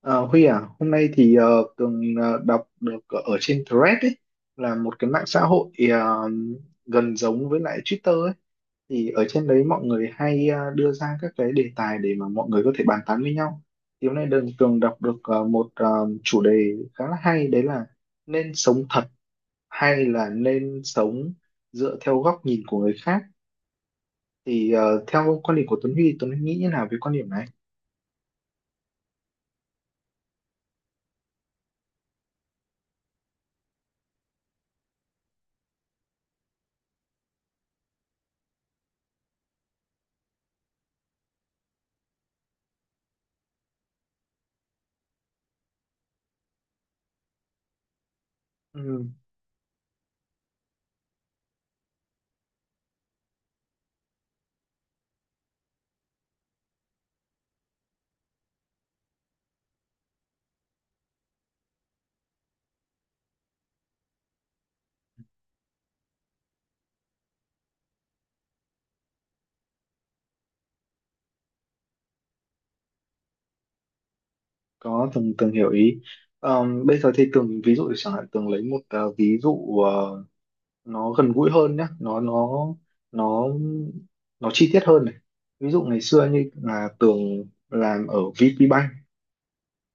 Ờ, Huy à, hôm nay thì Tường đọc được ở trên Threads ấy, là một cái mạng xã hội gần giống với lại Twitter ấy. Thì ở trên đấy mọi người hay đưa ra các cái đề tài để mà mọi người có thể bàn tán với nhau. Thì hôm nay Đường Tường đọc được một chủ đề khá là hay, đấy là nên sống thật hay là nên sống dựa theo góc nhìn của người khác. Thì theo quan điểm của Tuấn Huy, Tuấn Huy nghĩ như nào về quan điểm này? Ừ. Có, Tường Tường hiểu ý. Bây giờ thì Tường ví dụ chẳng hạn Tường lấy một ví dụ nó gần gũi hơn nhé, nó nó chi tiết hơn này. Ví dụ ngày xưa như là Tường làm ở VPBank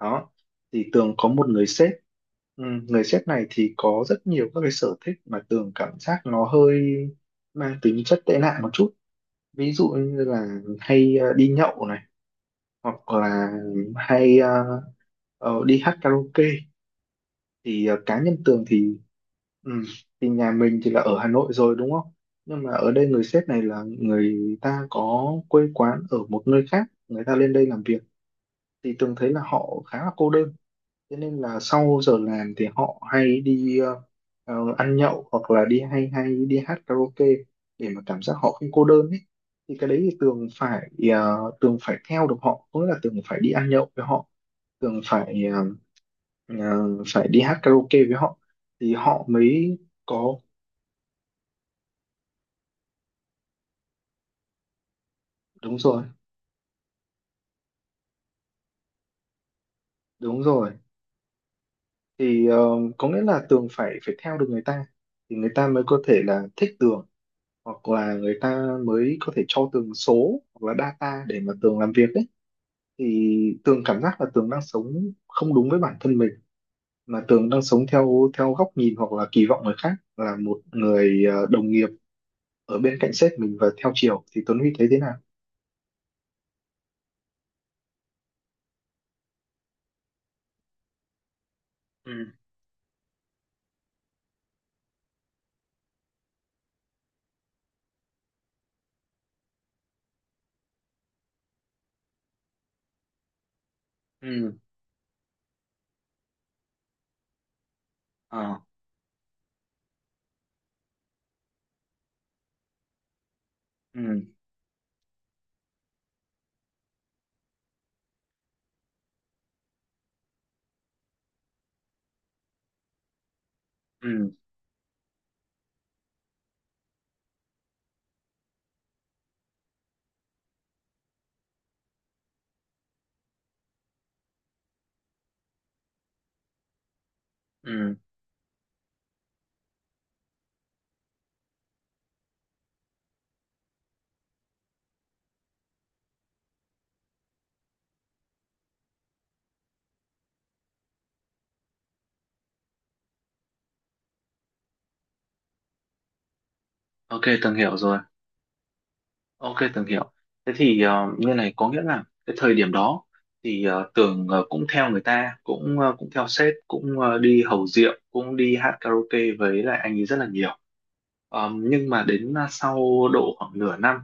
đó, thì Tường có một người sếp. Ừ, người sếp này thì có rất nhiều các cái sở thích mà Tường cảm giác nó hơi mang tính chất tệ nạn một chút. Ví dụ như là hay đi nhậu này hoặc là hay đi hát karaoke. Thì cá nhân Tường thì. Ừ. Thì nhà mình thì là ở Hà Nội rồi, đúng không? Nhưng mà ở đây người sếp này là người ta có quê quán ở một nơi khác, người ta lên đây làm việc, thì Tường thấy là họ khá là cô đơn. Thế nên là sau giờ làm thì họ hay đi ăn nhậu hoặc là đi hay hay đi hát karaoke để mà cảm giác họ không cô đơn ấy. Thì cái đấy thì Tường phải theo được họ, có nghĩa là Tường phải đi ăn nhậu với họ, Tường phải ờ, à, phải đi hát karaoke với họ thì họ mới có. Đúng rồi. Đúng rồi. Thì có nghĩa là Tường phải phải theo được người ta, thì người ta mới có thể là thích Tường hoặc là người ta mới có thể cho Tường số hoặc là data để mà Tường làm việc ấy. Thì Tường cảm giác là Tường đang sống không đúng với bản thân mình, mà Tường đang sống theo theo góc nhìn hoặc là kỳ vọng người khác là một người đồng nghiệp ở bên cạnh sếp mình. Và theo chiều thì Tuấn Huy thấy thế nào? Ừ. Ừ. Ờ. Ừ. Ừ, ừ, ok, Tường hiểu rồi. OK, Tường hiểu. Thế thì như này có nghĩa là cái thời điểm đó thì Tường cũng theo người ta, cũng theo sếp, cũng đi hầu rượu, cũng đi hát karaoke với lại anh ấy rất là nhiều. Nhưng mà đến sau độ khoảng nửa năm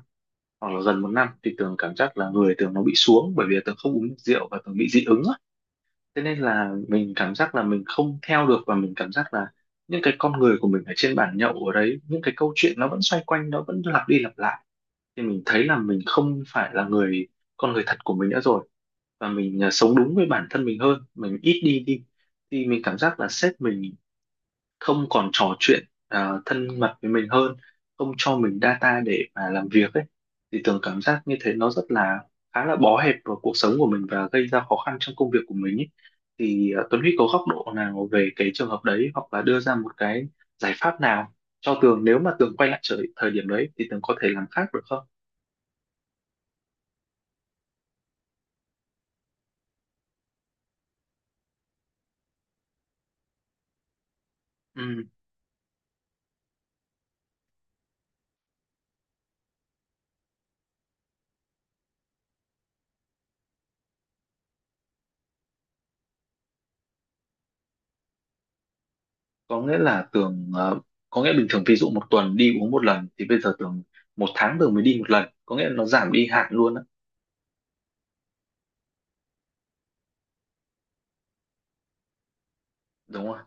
hoặc là gần một năm thì Tường cảm giác là người Tường nó bị xuống, bởi vì Tường không uống rượu và Tường bị dị ứng á. Thế nên là mình cảm giác là mình không theo được, và mình cảm giác là những cái con người của mình ở trên bàn nhậu ở đấy, những cái câu chuyện nó vẫn xoay quanh, nó vẫn lặp đi lặp lại. Thì mình thấy là mình không phải là người, con người thật của mình nữa rồi. Và mình, sống đúng với bản thân mình hơn, mình ít đi đi. Thì mình cảm giác là sếp mình không còn trò chuyện thân mật với mình hơn, không cho mình data để mà làm việc ấy. Thì Tường cảm giác như thế nó rất là khá là bó hẹp vào cuộc sống của mình và gây ra khó khăn trong công việc của mình ấy. Thì Tuấn Huy có góc độ nào về cái trường hợp đấy, hoặc là đưa ra một cái giải pháp nào cho Tường, nếu mà Tường quay lại thời điểm đấy thì Tường có thể làm khác được không? Ừ, có nghĩa là Tường có nghĩa bình thường ví dụ một tuần đi uống một lần, thì bây giờ Tường một tháng Tường mới đi một lần, có nghĩa là nó giảm đi hẳn luôn á. Đúng không?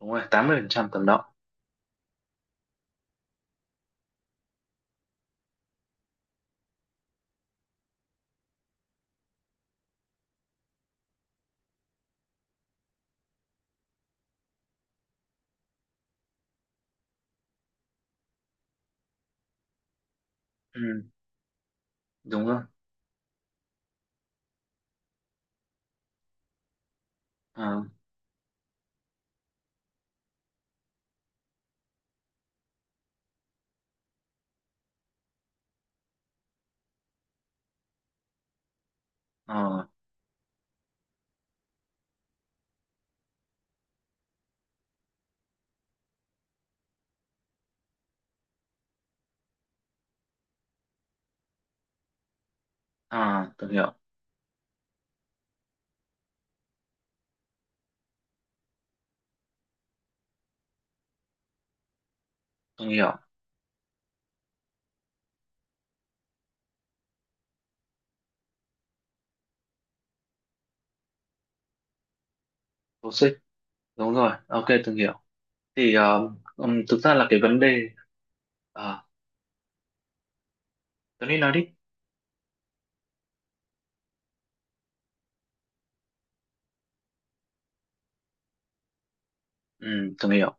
Đúng rồi, 80% tầm đó. Ừ, đúng rồi. à, à, à, từng hiểu từng hiểu toxic. Đúng rồi, ok, từng hiểu. Thì thực ra là cái vấn đề. À, Tuấn Huy nói đi. Ừ, từng hiểu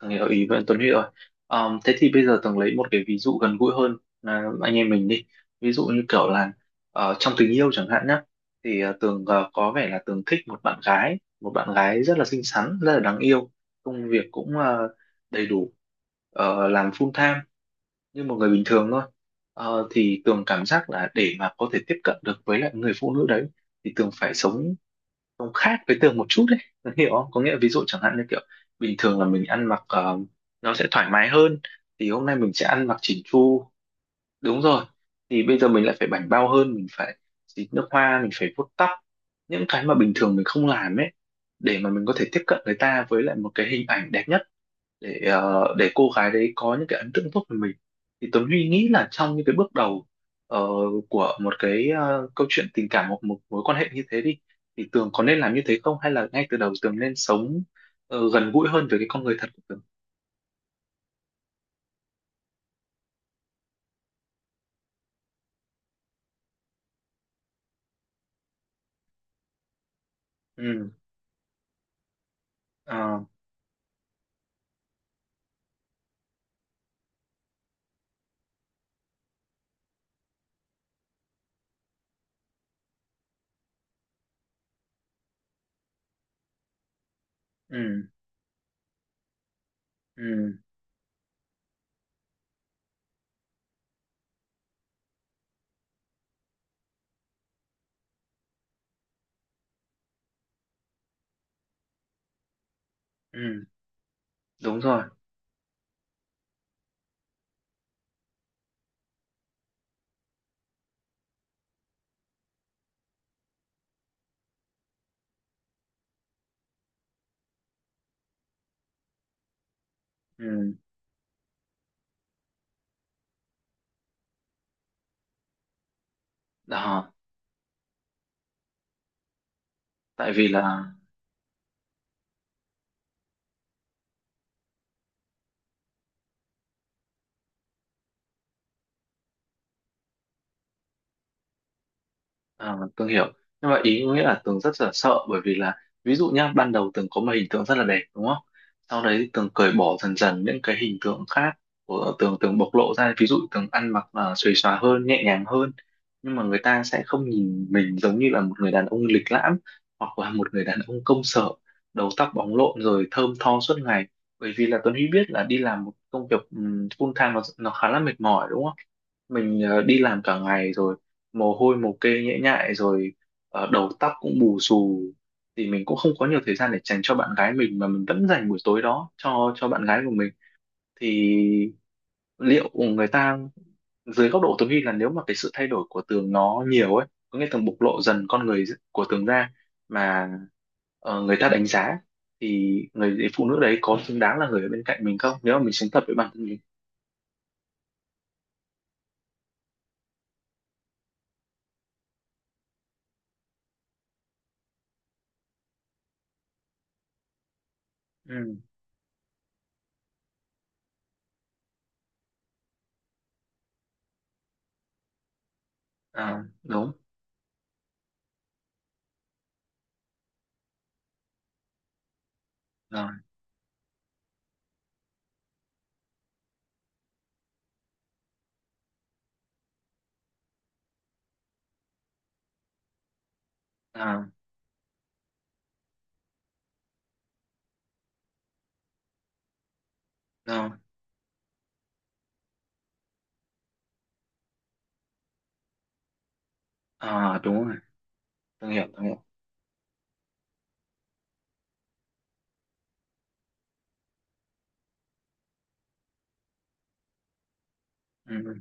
từng hiểu ý với Tuấn Huy rồi. Thế thì bây giờ Tường lấy một cái ví dụ gần gũi hơn là anh em mình đi. Ví dụ như kiểu là trong tình yêu chẳng hạn nhá. Thì Tường có vẻ là Tường thích một bạn gái rất là xinh xắn, rất là đáng yêu. Công việc cũng đầy đủ, làm full time như một người bình thường thôi. Thì Tường cảm giác là để mà có thể tiếp cận được với lại người phụ nữ đấy, thì Tường phải sống sống khác với Tường một chút đấy. Tường hiểu không? Có nghĩa là ví dụ chẳng hạn như kiểu bình thường là mình ăn mặc nó sẽ thoải mái hơn, thì hôm nay mình sẽ ăn mặc chỉn chu. Đúng rồi. Thì bây giờ mình lại phải bảnh bao hơn, mình phải xịt nước hoa, mình phải vuốt tóc, những cái mà bình thường mình không làm ấy, để mà mình có thể tiếp cận người ta với lại một cái hình ảnh đẹp nhất, để cô gái đấy có những cái ấn tượng tốt về mình. Thì Tuấn Huy nghĩ là trong những cái bước đầu ờ, của một cái câu chuyện tình cảm hoặc một mối quan hệ như thế đi, thì Tường có nên làm như thế không, hay là ngay từ đầu Tường nên sống gần gũi hơn với cái con người thật của Tường? Ừ. ờ, ừ. Ừ. Ừ. Đúng rồi. Ừ. Đó, tại vì là. À, Tường hiểu. Nhưng mà ý nghĩa là Tường rất là sợ, bởi vì là, ví dụ nhá, ban đầu Tường có một hình tượng rất là đẹp, đúng không? Sau đấy thì Tường cởi bỏ dần dần những cái hình tượng khác của Tường. Tường bộc lộ ra, ví dụ Tường ăn mặc là xuề xòa hơn, nhẹ nhàng hơn. Nhưng mà người ta sẽ không nhìn mình giống như là một người đàn ông lịch lãm, hoặc là một người đàn ông công sở, đầu tóc bóng lộn rồi thơm tho suốt ngày. Bởi vì là Tuấn Huy biết là đi làm một công việc full time nó khá là mệt mỏi, đúng không? Mình đi làm cả ngày rồi, mồ hôi mồ kê nhễ nhại rồi, đầu tóc cũng bù xù, thì mình cũng không có nhiều thời gian để dành cho bạn gái mình, mà mình vẫn dành buổi tối đó cho bạn gái của mình. Thì liệu người ta, dưới góc độ Tường vi là nếu mà cái sự thay đổi của Tường nó nhiều ấy, có nghĩa Tường bộc lộ dần con người của Tường ra mà người ta đánh giá, thì người phụ nữ đấy có xứng đáng là người ở bên cạnh mình không, nếu mà mình sống thật với bản thân mình? Ừ. À, đúng rồi. À, đúng. À, đúng rồi, Tường hiểu. Ừ.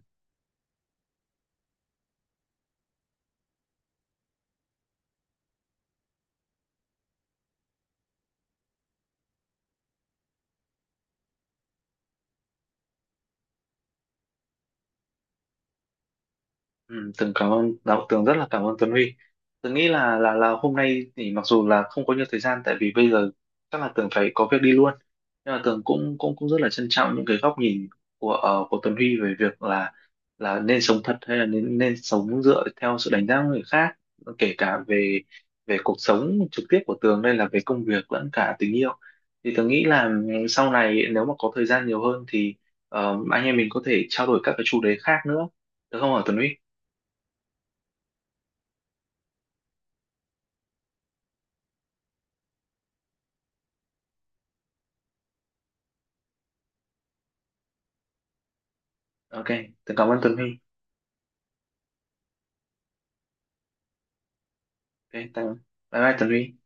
Ừ, Tường cảm ơn đạo, Tường rất là cảm ơn Tuấn Huy. Tường nghĩ là hôm nay thì mặc dù là không có nhiều thời gian, tại vì bây giờ chắc là Tường phải có việc đi luôn, nhưng mà Tường cũng cũng cũng rất là trân trọng những cái góc nhìn của của Tuấn Huy, về việc là nên sống thật hay là nên nên sống dựa theo sự đánh giá của người khác, kể cả về về cuộc sống trực tiếp của Tường, đây là về công việc lẫn cả tình yêu. Thì Tường nghĩ là, sau này nếu mà có thời gian nhiều hơn thì anh em mình có thể trao đổi các cái chủ đề khác nữa, được không hả Tuấn Huy? OK, tớ cảm ơn Tuấn Huy. OK, tạm, bye bye Tuấn Huy.